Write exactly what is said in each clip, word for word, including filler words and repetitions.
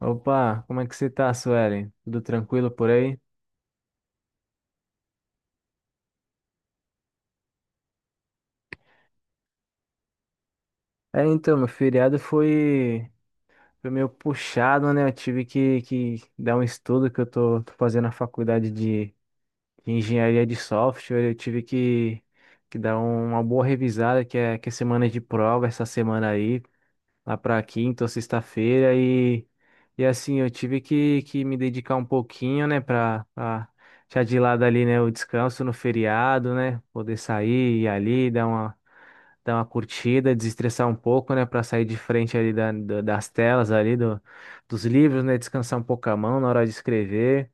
Opa, como é que você tá, Suelen? Tudo tranquilo por aí? É, então, meu feriado foi, foi meio puxado, né? Eu tive que, que dar um estudo que eu tô, tô fazendo na faculdade de, de engenharia de software. Eu tive que, que dar uma boa revisada, que é, que é semana de prova essa semana aí, lá pra quinta ou sexta-feira. E, e assim, eu tive que, que me dedicar um pouquinho, né, pra, pra deixar de lado ali, né, o descanso no feriado, né? Poder sair e ali, dar uma dar uma curtida, desestressar um pouco, né, para sair de frente ali da- da- das telas ali do, dos livros, né, descansar um pouco a mão na hora de escrever.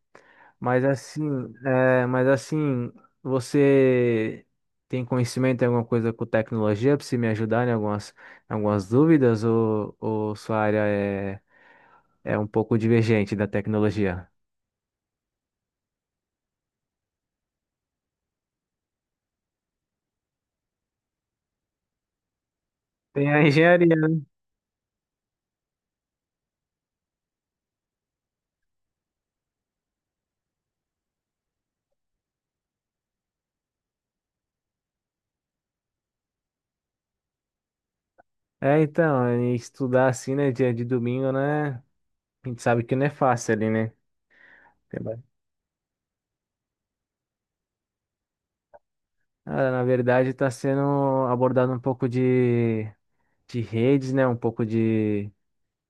Mas assim, é, mas assim, você tem conhecimento em alguma coisa com tecnologia para se me ajudar em algumas, em algumas dúvidas ou, ou sua área é, é um pouco divergente da tecnologia? Tem a engenharia, né? É, então, e estudar assim, né, dia de domingo, né? A gente sabe que não é fácil ali, né? Cara, na verdade, está sendo abordado um pouco de, de redes, né? Um pouco de,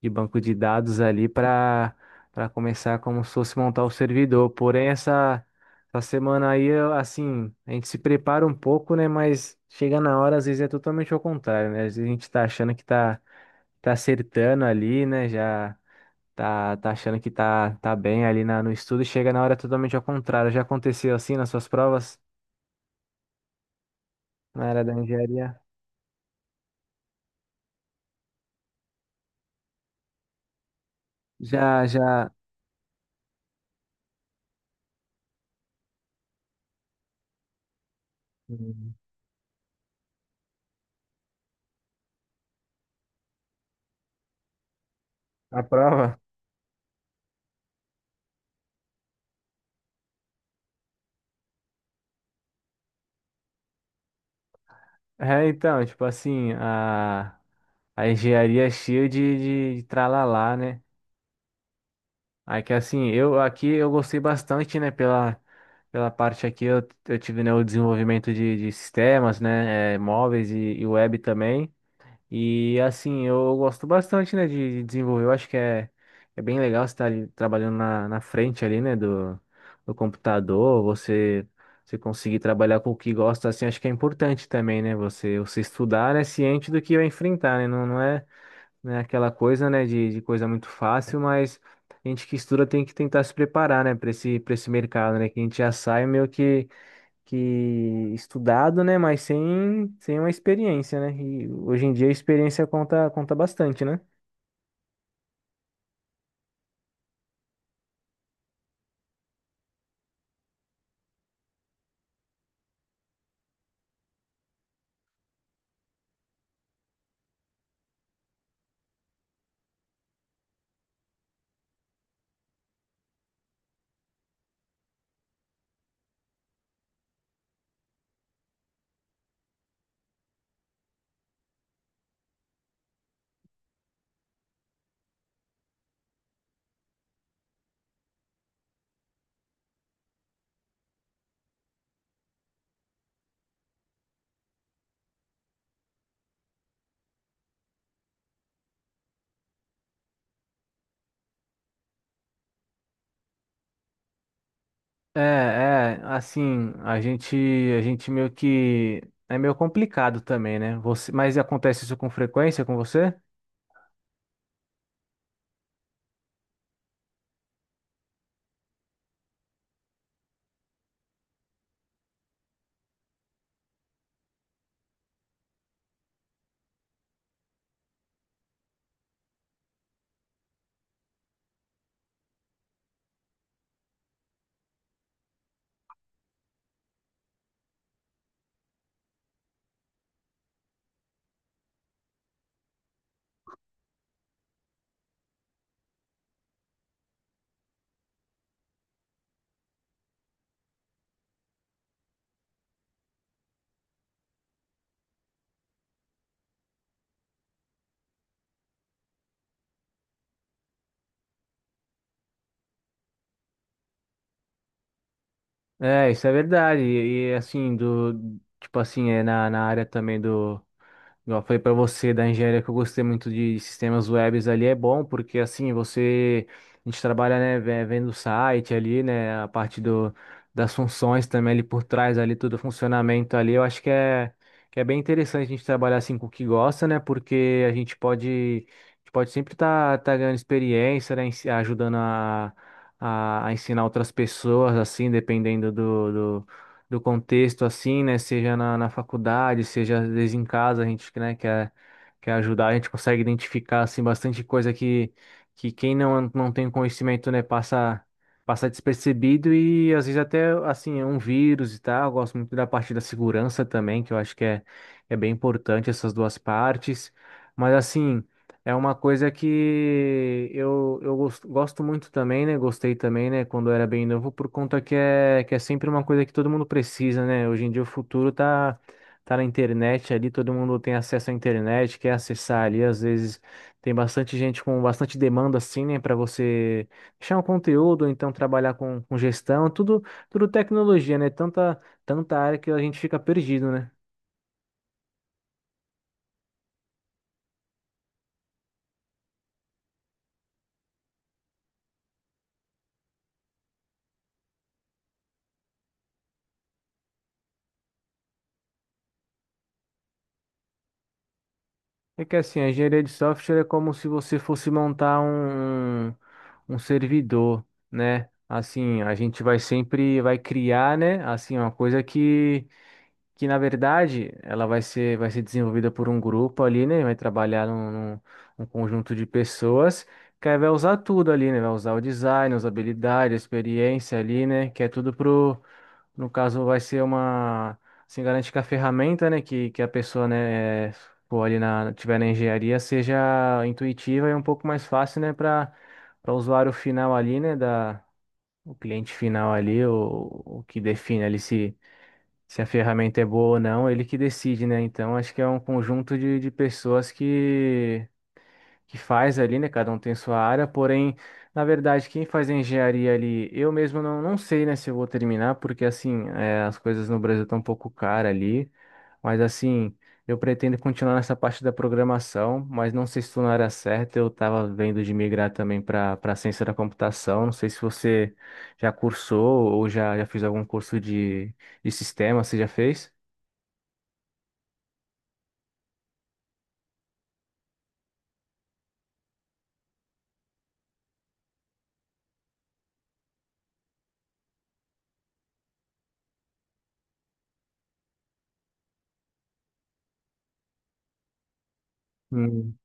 de banco de dados ali para para começar como se fosse montar o servidor. Porém, essa, essa semana aí, eu, assim, a gente se prepara um pouco, né? Mas chega na hora, às vezes é totalmente ao contrário, né? Às vezes a gente está achando que está tá acertando ali, né? Já tá, tá achando que tá, tá bem ali na, no estudo, e chega na hora é totalmente ao contrário. Já aconteceu assim nas suas provas na área da engenharia? Já, já. Uhum. A prova? É, então, tipo assim, a, a engenharia é cheia de, de, de tralalá, né? Aí que assim, eu aqui eu gostei bastante, né, pela, pela parte aqui, eu, eu tive, né, o desenvolvimento de, de sistemas, né, é, móveis e, e web também. E assim, eu gosto bastante, né, de de desenvolver. Eu acho que é, é bem legal você estar ali trabalhando na, na frente ali, né, do, do computador, você, você conseguir trabalhar com o que gosta, assim, acho que é importante também, né, você, você estudar, né, ciente do que vai enfrentar, né, não, não é, né, aquela coisa, né, de, de coisa muito fácil, mas a gente que estuda tem que tentar se preparar, né, para esse, para esse mercado, né, que a gente já sai meio que que estudado, né? Mas sem, sem uma experiência, né? E hoje em dia a experiência conta, conta bastante, né? É, é, assim, a gente, a gente meio que é meio complicado também, né? Você, mas acontece isso com frequência com você? É, isso é verdade. E, e, assim, do, tipo assim, é na, na área também do. Igual eu falei pra você da engenharia que eu gostei muito de sistemas webs ali, é bom, porque assim, você. A gente trabalha, né, ve- vendo o site ali, né, a parte do, das funções também ali por trás, ali, todo o funcionamento ali. Eu acho que é, que é bem interessante a gente trabalhar assim com o que gosta, né, porque a gente pode. A gente Pode sempre estar tá, tá ganhando experiência, né, em- ajudando a, a ensinar outras pessoas, assim, dependendo do, do, do contexto, assim, né? Seja na, na faculdade, seja às vezes em casa, a gente, né, quer, quer ajudar, a gente consegue identificar, assim, bastante coisa que, que quem não, não tem conhecimento, né, passa, passa despercebido e às vezes até, assim, é um vírus e tal. Eu gosto muito da parte da segurança também, que eu acho que é, é bem importante essas duas partes. Mas assim, é uma coisa que eu, eu gosto, gosto muito também, né? Gostei também, né? Quando eu era bem novo, por conta que é, que é sempre uma coisa que todo mundo precisa, né? Hoje em dia o futuro tá, tá na internet ali, todo mundo tem acesso à internet, quer acessar ali. Às vezes tem bastante gente com bastante demanda, assim, né? Para você deixar um conteúdo, ou então trabalhar com, com gestão, tudo, tudo tecnologia, né? Tanta, tanta área que a gente fica perdido, né? É que assim, a engenharia de software é como se você fosse montar um, um um servidor, né? Assim, a gente vai sempre vai criar, né? Assim, uma coisa que, que na verdade ela vai ser vai ser desenvolvida por um grupo ali, né? Vai trabalhar num, num- num conjunto de pessoas que aí vai usar tudo ali, né? Vai usar o design, usabilidade, a experiência ali, né? Que é tudo no caso, vai ser uma. Assim, garante que a ferramenta, né, que, que a pessoa, né, for ali na, tiver na engenharia, seja intuitiva e um pouco mais fácil, né, para para o usuário final ali, né, da, o cliente final ali, o, o que define ali se, se a ferramenta é boa ou não, ele que decide, né. Então, acho que é um conjunto de, de pessoas que que faz ali, né? Cada um tem sua área, porém, na verdade, quem faz a engenharia ali, eu mesmo não, não sei, né, se eu vou terminar, porque assim, é, as coisas no Brasil estão um pouco caras ali, mas assim, eu pretendo continuar nessa parte da programação, mas não sei se estou na área certa, eu estava vendo de migrar também para para ciência da computação, não sei se você já cursou ou já, já fez algum curso de, de sistema, você já fez? Hum.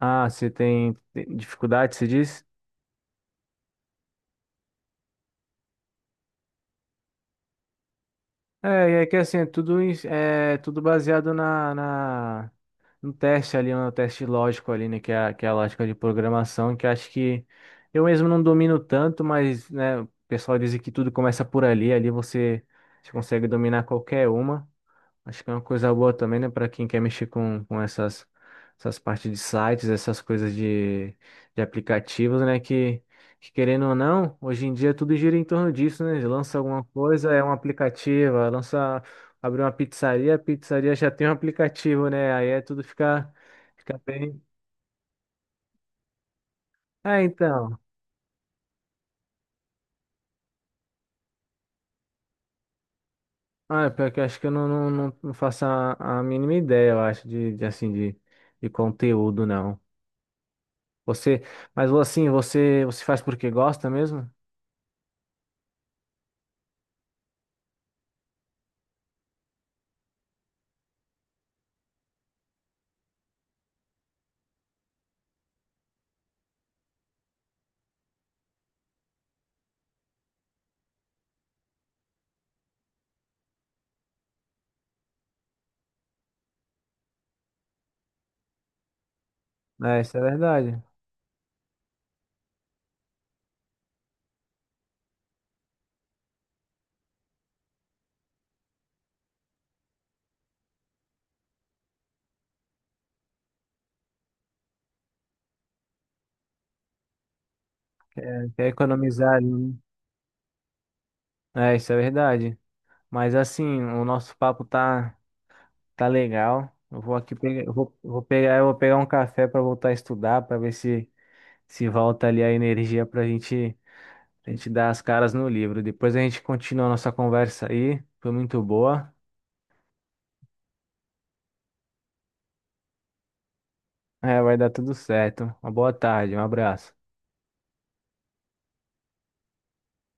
Ah, você tem tem dificuldade, você diz? É, e é que assim, é tudo, em- é tudo baseado na, na, no teste ali, no teste lógico ali, né? Que é, a- que é a lógica de programação, que eu acho que eu mesmo não domino tanto, mas, né, o pessoal diz que tudo começa por ali, ali você, você consegue dominar qualquer uma. Acho que é uma coisa boa também, né, para quem quer mexer com, com essas, essas partes de sites, essas coisas de, de aplicativos, né, que, que querendo ou não, hoje em dia tudo gira em torno disso, né? Lança alguma coisa, é um aplicativo, lança, abre uma pizzaria, a pizzaria já tem um aplicativo, né? Aí é tudo fica, fica bem. É, então. Ah, é pior que eu acho que eu não, não, não não faço a, a mínima ideia, eu acho, de, de assim, de, de conteúdo, não. Você, mas assim, você, você faz porque gosta mesmo? É, isso é verdade. Quer economizar ali, né? É, isso é verdade. Mas assim, o nosso papo tá tá legal. Eu vou aqui pegar, eu vou, eu vou pegar, eu vou pegar um café para voltar a estudar, para ver se se volta ali a energia pra gente a gente dar as caras no livro. Depois a gente continua a nossa conversa aí. Foi muito boa. É, vai dar tudo certo. Uma boa tarde, um abraço.